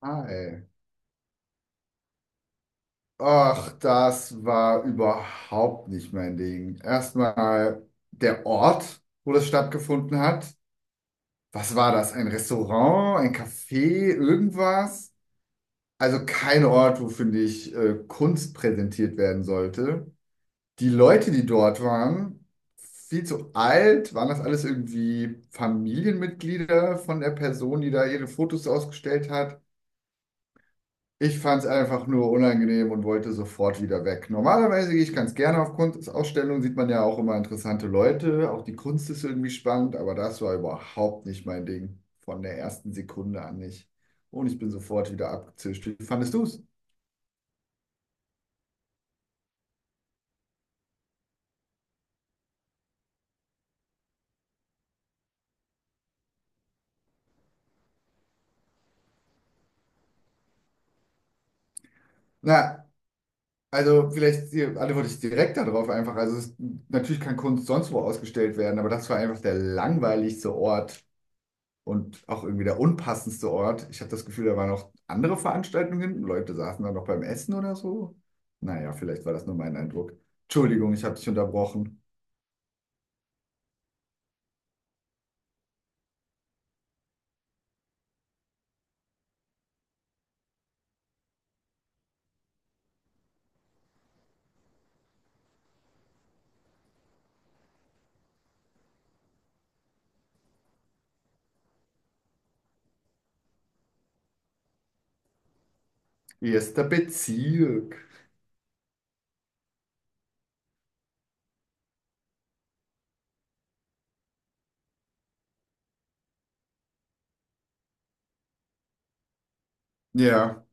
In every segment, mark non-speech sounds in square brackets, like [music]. Ah, ach, das war überhaupt nicht mein Ding. Erstmal der Ort, wo das stattgefunden hat. Was war das? Ein Restaurant, ein Café, irgendwas? Also kein Ort, wo, finde ich, Kunst präsentiert werden sollte. Die Leute, die dort waren, viel zu alt. Waren das alles irgendwie Familienmitglieder von der Person, die da ihre Fotos ausgestellt hat? Ich fand es einfach nur unangenehm und wollte sofort wieder weg. Normalerweise gehe ich ganz gerne auf Kunstausstellungen, sieht man ja auch immer interessante Leute, auch die Kunst ist irgendwie spannend, aber das war überhaupt nicht mein Ding. Von der ersten Sekunde an nicht. Und ich bin sofort wieder abgezischt. Wie fandest du es? Na, also vielleicht hier antworte ich direkt darauf einfach. Also es, natürlich kann Kunst sonst wo ausgestellt werden, aber das war einfach der langweiligste Ort und auch irgendwie der unpassendste Ort. Ich habe das Gefühl, da waren noch andere Veranstaltungen hinten. Leute saßen da noch beim Essen oder so. Naja, vielleicht war das nur mein Eindruck. Entschuldigung, ich habe dich unterbrochen. Erster Bezirk. Ja.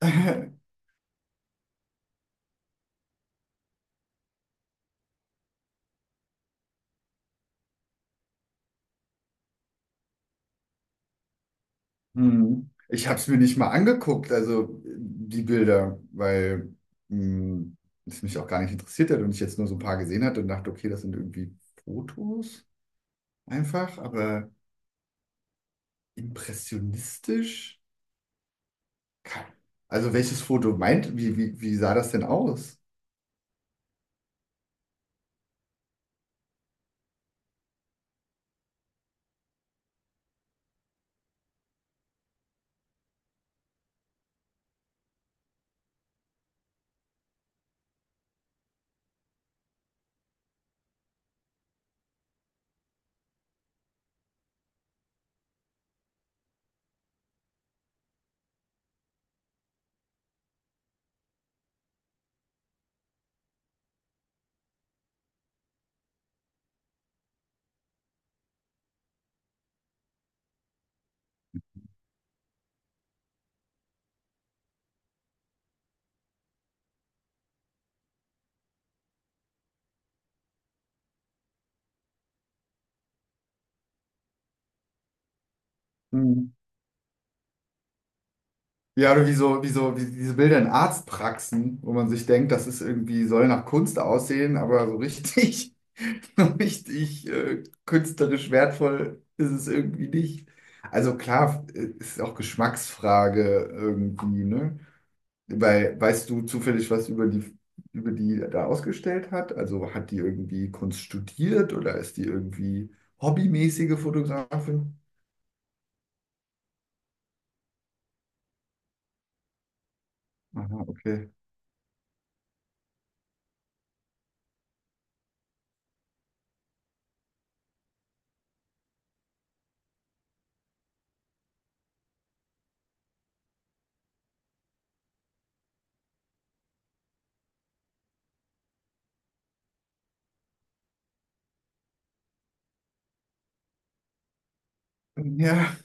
[laughs] Hm. Ich habe es mir nicht mal angeguckt, also die Bilder, weil hm, es mich auch gar nicht interessiert hat und ich jetzt nur so ein paar gesehen hatte und dachte, okay, das sind irgendwie Fotos einfach, aber impressionistisch. Kein- Also welches Foto meint, wie sah das denn aus? Mhm. Ja, oder wie so, wie so, wie diese Bilder in Arztpraxen, wo man sich denkt, das ist irgendwie, soll nach Kunst aussehen, aber so richtig, [laughs] so richtig künstlerisch wertvoll ist es irgendwie nicht. Also klar, ist auch Geschmacksfrage irgendwie, ne? Weil, weißt du zufällig was über die da ausgestellt hat? Also hat die irgendwie Kunst studiert oder ist die irgendwie hobbymäßige Fotografin? Aha, okay. Ja.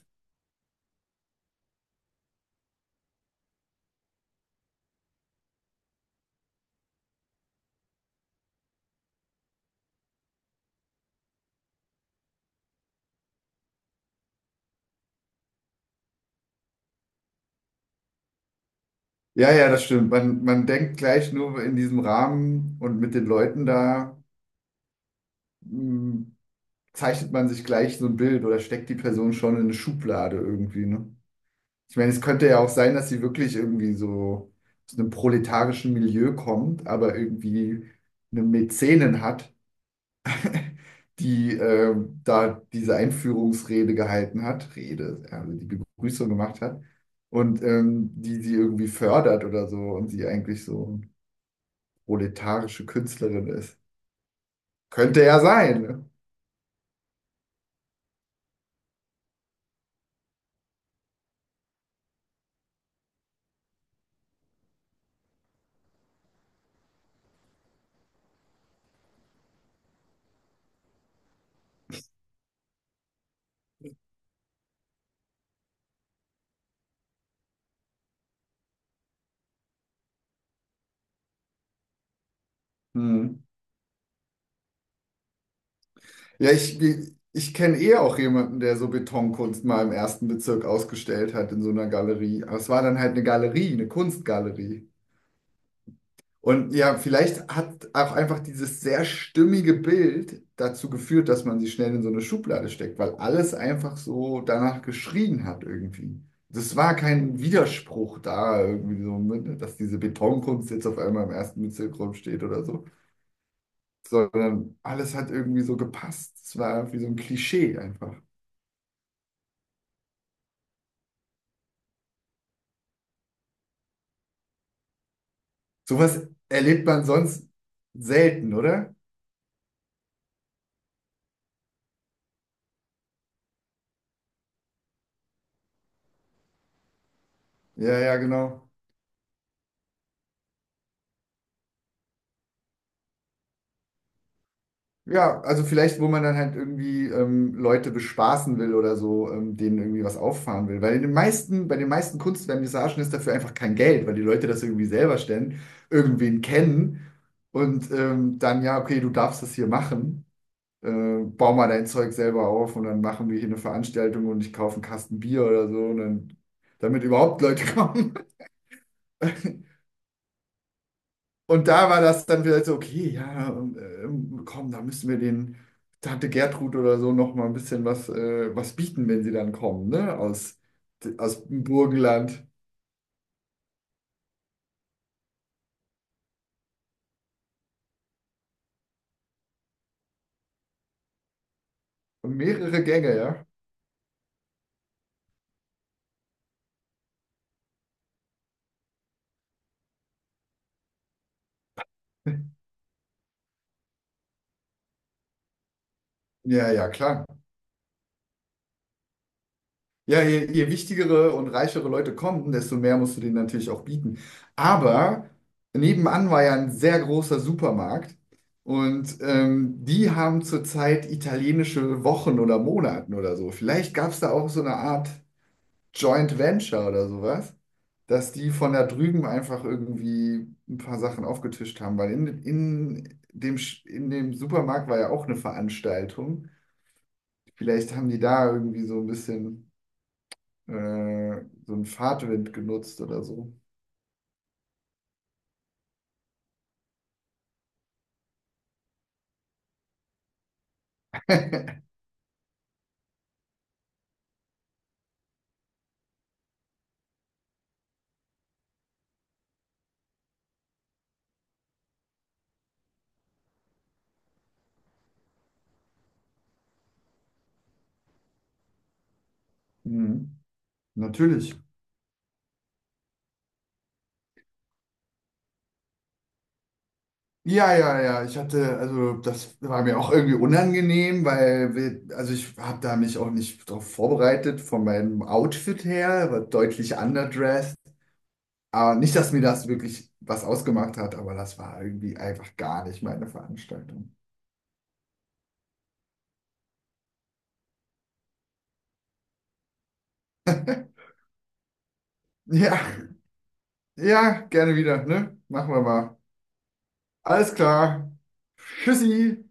Ja, ja, das stimmt. Man denkt gleich nur in diesem Rahmen und mit den Leuten da, mh, zeichnet man sich gleich so ein Bild oder steckt die Person schon in eine Schublade irgendwie, ne? Ich meine, es könnte ja auch sein, dass sie wirklich irgendwie so aus einem proletarischen Milieu kommt, aber irgendwie eine Mäzenin hat, die da diese Einführungsrede gehalten hat, Rede, also die Begrüßung gemacht hat und die sie irgendwie fördert oder so und sie eigentlich so eine proletarische Künstlerin ist. Könnte ja sein, ne? Hm. Ja, ich, ich kenne eh auch jemanden, der so Betonkunst mal im ersten Bezirk ausgestellt hat in so einer Galerie. Aber es war dann halt eine Galerie, eine Kunstgalerie. Und ja, vielleicht hat auch einfach dieses sehr stimmige Bild dazu geführt, dass man sie schnell in so eine Schublade steckt, weil alles einfach so danach geschrien hat irgendwie. Das war kein Widerspruch da irgendwie so, ne, dass diese Betonkunst jetzt auf einmal im ersten Bezirk steht oder so, sondern alles hat irgendwie so gepasst. Es war irgendwie so ein Klischee einfach. Sowas erlebt man sonst selten, oder? Ja, ja, genau. Ja, also vielleicht, wo man dann halt irgendwie Leute bespaßen will oder so, denen irgendwie was auffahren will. Weil in den meisten, bei den meisten Kunstvernissagen ist dafür einfach kein Geld, weil die Leute das irgendwie selber stellen, irgendwen kennen und dann, ja, okay, du darfst das hier machen, bau mal dein Zeug selber auf und dann machen wir hier eine Veranstaltung und ich kaufe einen Kasten Bier oder so und dann, damit überhaupt Leute kommen. [laughs] Und da war das dann vielleicht so, okay, ja, komm, da müssen wir den Tante Gertrud oder so noch mal ein bisschen was, was bieten, wenn sie dann kommen, ne? Aus dem Burgenland. Mehrere Gänge, ja. [laughs] Ja, ja, klar. Ja, je wichtigere und reichere Leute kommen, desto mehr musst du denen natürlich auch bieten. Aber nebenan war ja ein sehr großer Supermarkt und die haben zurzeit italienische Wochen oder Monaten oder so. Vielleicht gab es da auch so eine Art Joint Venture oder sowas, dass die von da drüben einfach irgendwie ein paar Sachen aufgetischt haben, weil in dem, in dem Supermarkt war ja auch eine Veranstaltung. Vielleicht haben die da irgendwie so ein bisschen äh, so einen Fahrtwind genutzt oder so. Mhm. Natürlich. Ja, ja, ja. Ich hatte, also das war mir auch irgendwie unangenehm, weil wir, also ich habe da mich auch nicht darauf vorbereitet, von meinem Outfit her, war deutlich underdressed. Aber nicht, dass mir das wirklich was ausgemacht hat, aber das war irgendwie einfach gar nicht meine Veranstaltung. Ja, ja, gerne wieder, ne? Machen wir mal. Alles klar. Tschüssi.